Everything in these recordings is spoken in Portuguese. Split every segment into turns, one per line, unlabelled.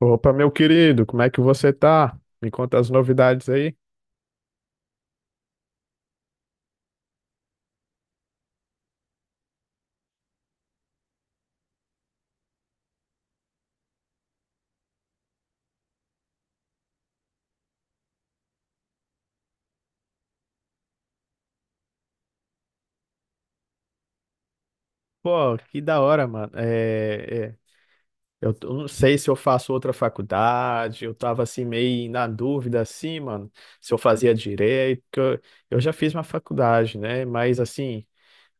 Opa, meu querido, como é que você tá? Me conta as novidades aí. Pô, que da hora, mano. Eu não sei se eu faço outra faculdade, eu tava assim meio na dúvida, assim, mano, se eu fazia direito. Porque eu já fiz uma faculdade, né? Mas assim,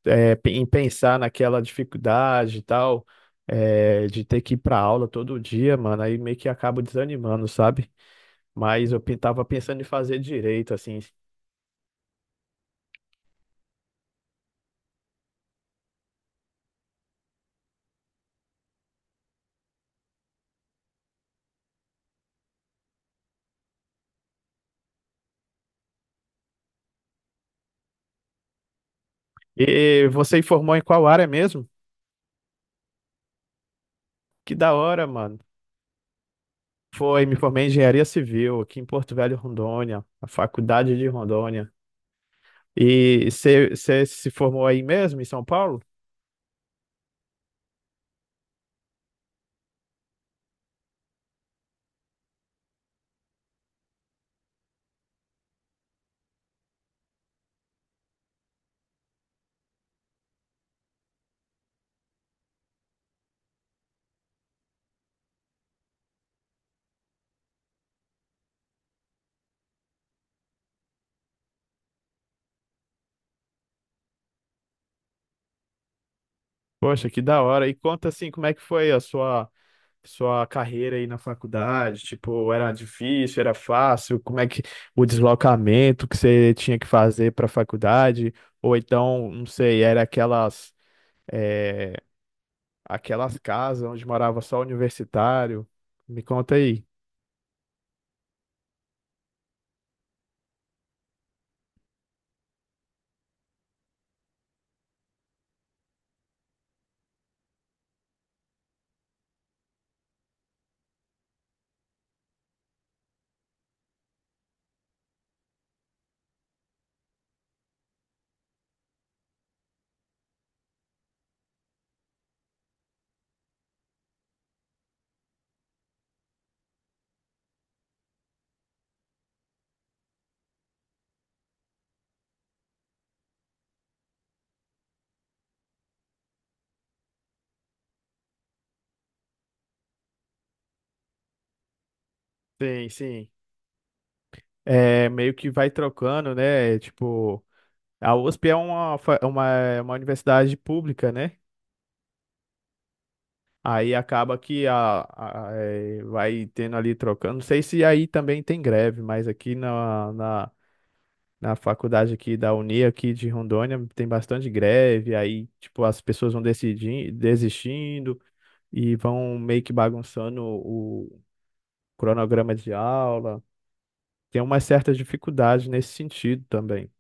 em pensar naquela dificuldade e tal, de ter que ir pra aula todo dia, mano, aí meio que acabo desanimando, sabe? Mas tava pensando em fazer direito, assim. E você formou em qual área mesmo? Que da hora, mano. Foi, me formei em engenharia civil aqui em Porto Velho, Rondônia, na faculdade de Rondônia. E você se formou aí mesmo, em São Paulo? Poxa, que da hora. E conta assim, como é que foi a sua carreira aí na faculdade? Tipo, era difícil, era fácil? Como é que o deslocamento que você tinha que fazer para a faculdade? Ou então, não sei, era aquelas eh, aquelas casas onde morava só universitário? Me conta aí. Sim, sim. É, meio que vai trocando, né? Tipo, a USP é uma, fa- é uma universidade pública, né? Aí acaba que é, vai tendo ali trocando. Não sei se aí também tem greve, mas aqui na faculdade aqui da Uni, aqui de Rondônia, tem bastante greve. Aí, tipo, as pessoas vão decidindo, desistindo e vão meio que bagunçando o cronograma de aula. Tem uma certa dificuldade nesse sentido também.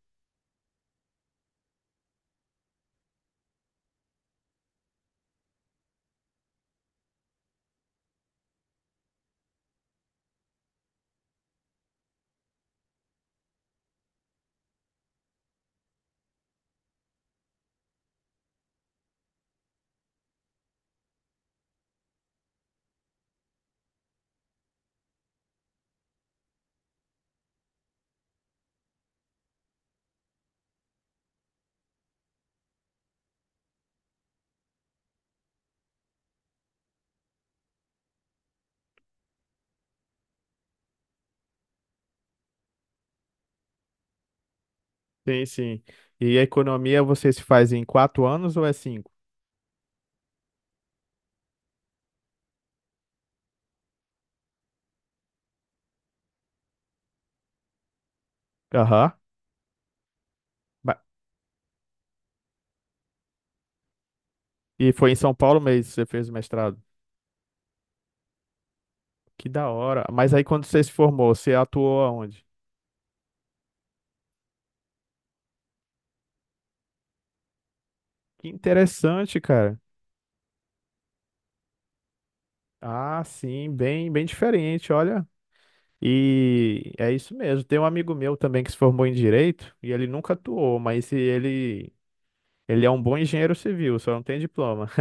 Sim, sim. E a economia você se faz em quatro anos ou é cinco? Aham. Ba- E foi em São Paulo mesmo que você fez o mestrado? Que da hora. Mas aí quando você se formou, você atuou aonde? Que interessante, cara. Ah, sim, bem, bem diferente, olha. E é isso mesmo. Tem um amigo meu também que se formou em direito e ele nunca atuou, mas ele é um bom engenheiro civil, só não tem diploma.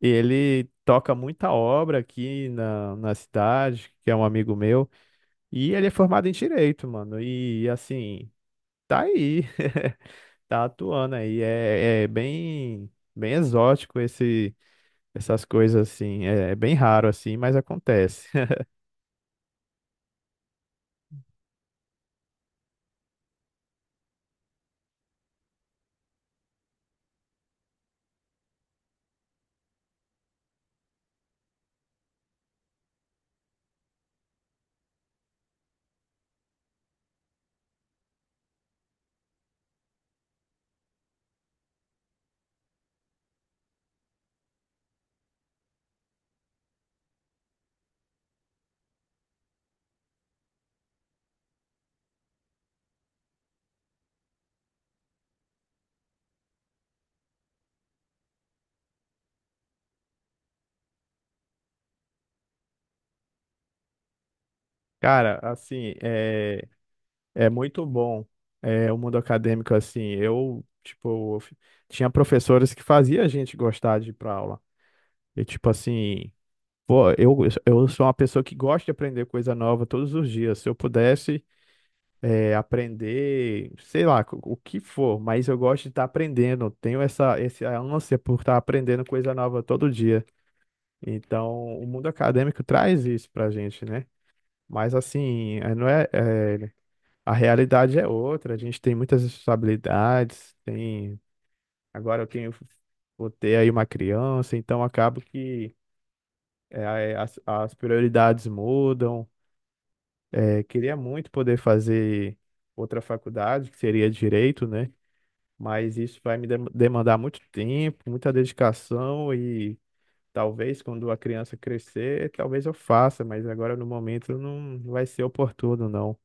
E ele toca muita obra aqui na cidade, que é um amigo meu. E ele é formado em direito, mano. E assim, tá aí, tá atuando aí. Bem exótico esse, essas coisas assim. É, é bem raro assim, mas acontece. Cara, assim, é muito bom é, o mundo acadêmico assim. Eu, tipo, tinha professores que fazia a gente gostar de ir pra aula. E tipo assim, pô, eu, eu sou uma pessoa que gosta de aprender coisa nova todos os dias. Se eu pudesse aprender, sei lá, o que for, mas eu gosto de estar aprendendo. Tenho essa ânsia por estar aprendendo coisa nova todo dia. Então, o mundo acadêmico traz isso pra gente, né? Mas assim, é- não é, é, a realidade é outra, a gente tem muitas responsabilidades, tem, agora eu tenho, vou ter aí uma criança, então acabo que é, as prioridades mudam. É, queria muito poder fazer outra faculdade, que seria direito, né? Mas isso vai me demandar muito tempo, muita dedicação e talvez quando a criança crescer, talvez eu faça, mas agora no momento não vai ser oportuno, não.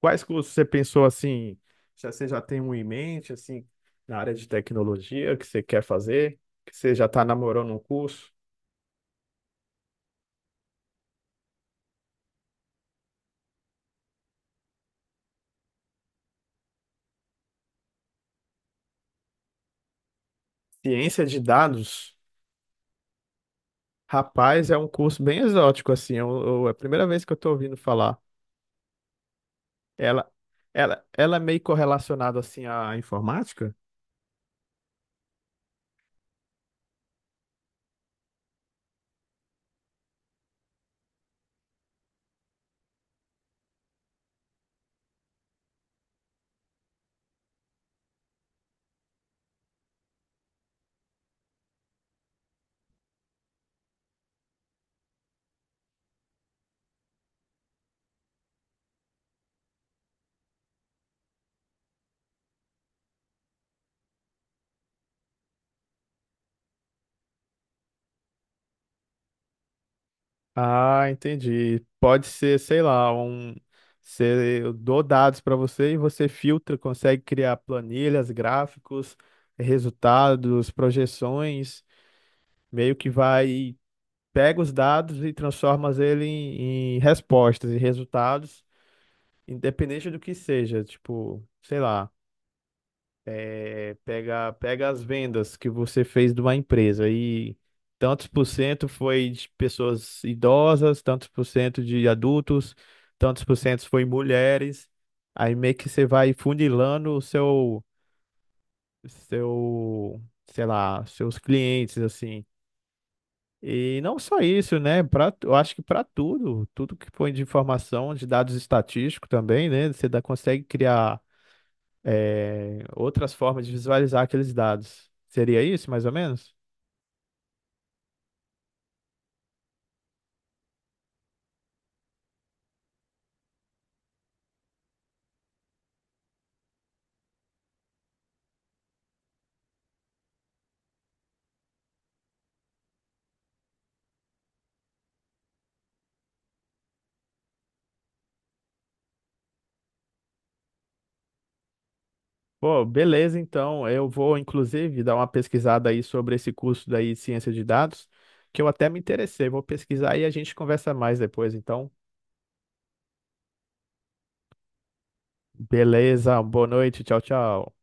Quais cursos você pensou assim? Já você já tem um em mente assim na área de tecnologia que você quer fazer? Que você já está namorando um curso? Ciência de dados? Rapaz, é um curso bem exótico assim. É a primeira vez que eu estou ouvindo falar. Ela, ela é meio correlacionada assim à informática? Ah, entendi. Pode ser, sei lá, um. Eu dou dados para você e você filtra, consegue criar planilhas, gráficos, resultados, projeções, meio que vai, pega os dados e transforma ele em respostas e resultados, independente do que seja, tipo, sei lá. É, pega as vendas que você fez de uma empresa e tantos por cento foi de pessoas idosas, tantos por cento de adultos, tantos por cento foi mulheres. Aí meio que você vai funilando o seu, sei lá, seus clientes, assim. E não só isso, né? Pra, eu acho que para tudo, tudo que põe de informação, de dados estatísticos também, né? Você dá, consegue criar é, outras formas de visualizar aqueles dados. Seria isso, mais ou menos? Pô, beleza, então. Eu vou, inclusive, dar uma pesquisada aí sobre esse curso daí, de Ciência de Dados, que eu até me interessei. Vou pesquisar e a gente conversa mais depois, então. Beleza, boa noite, tchau, tchau.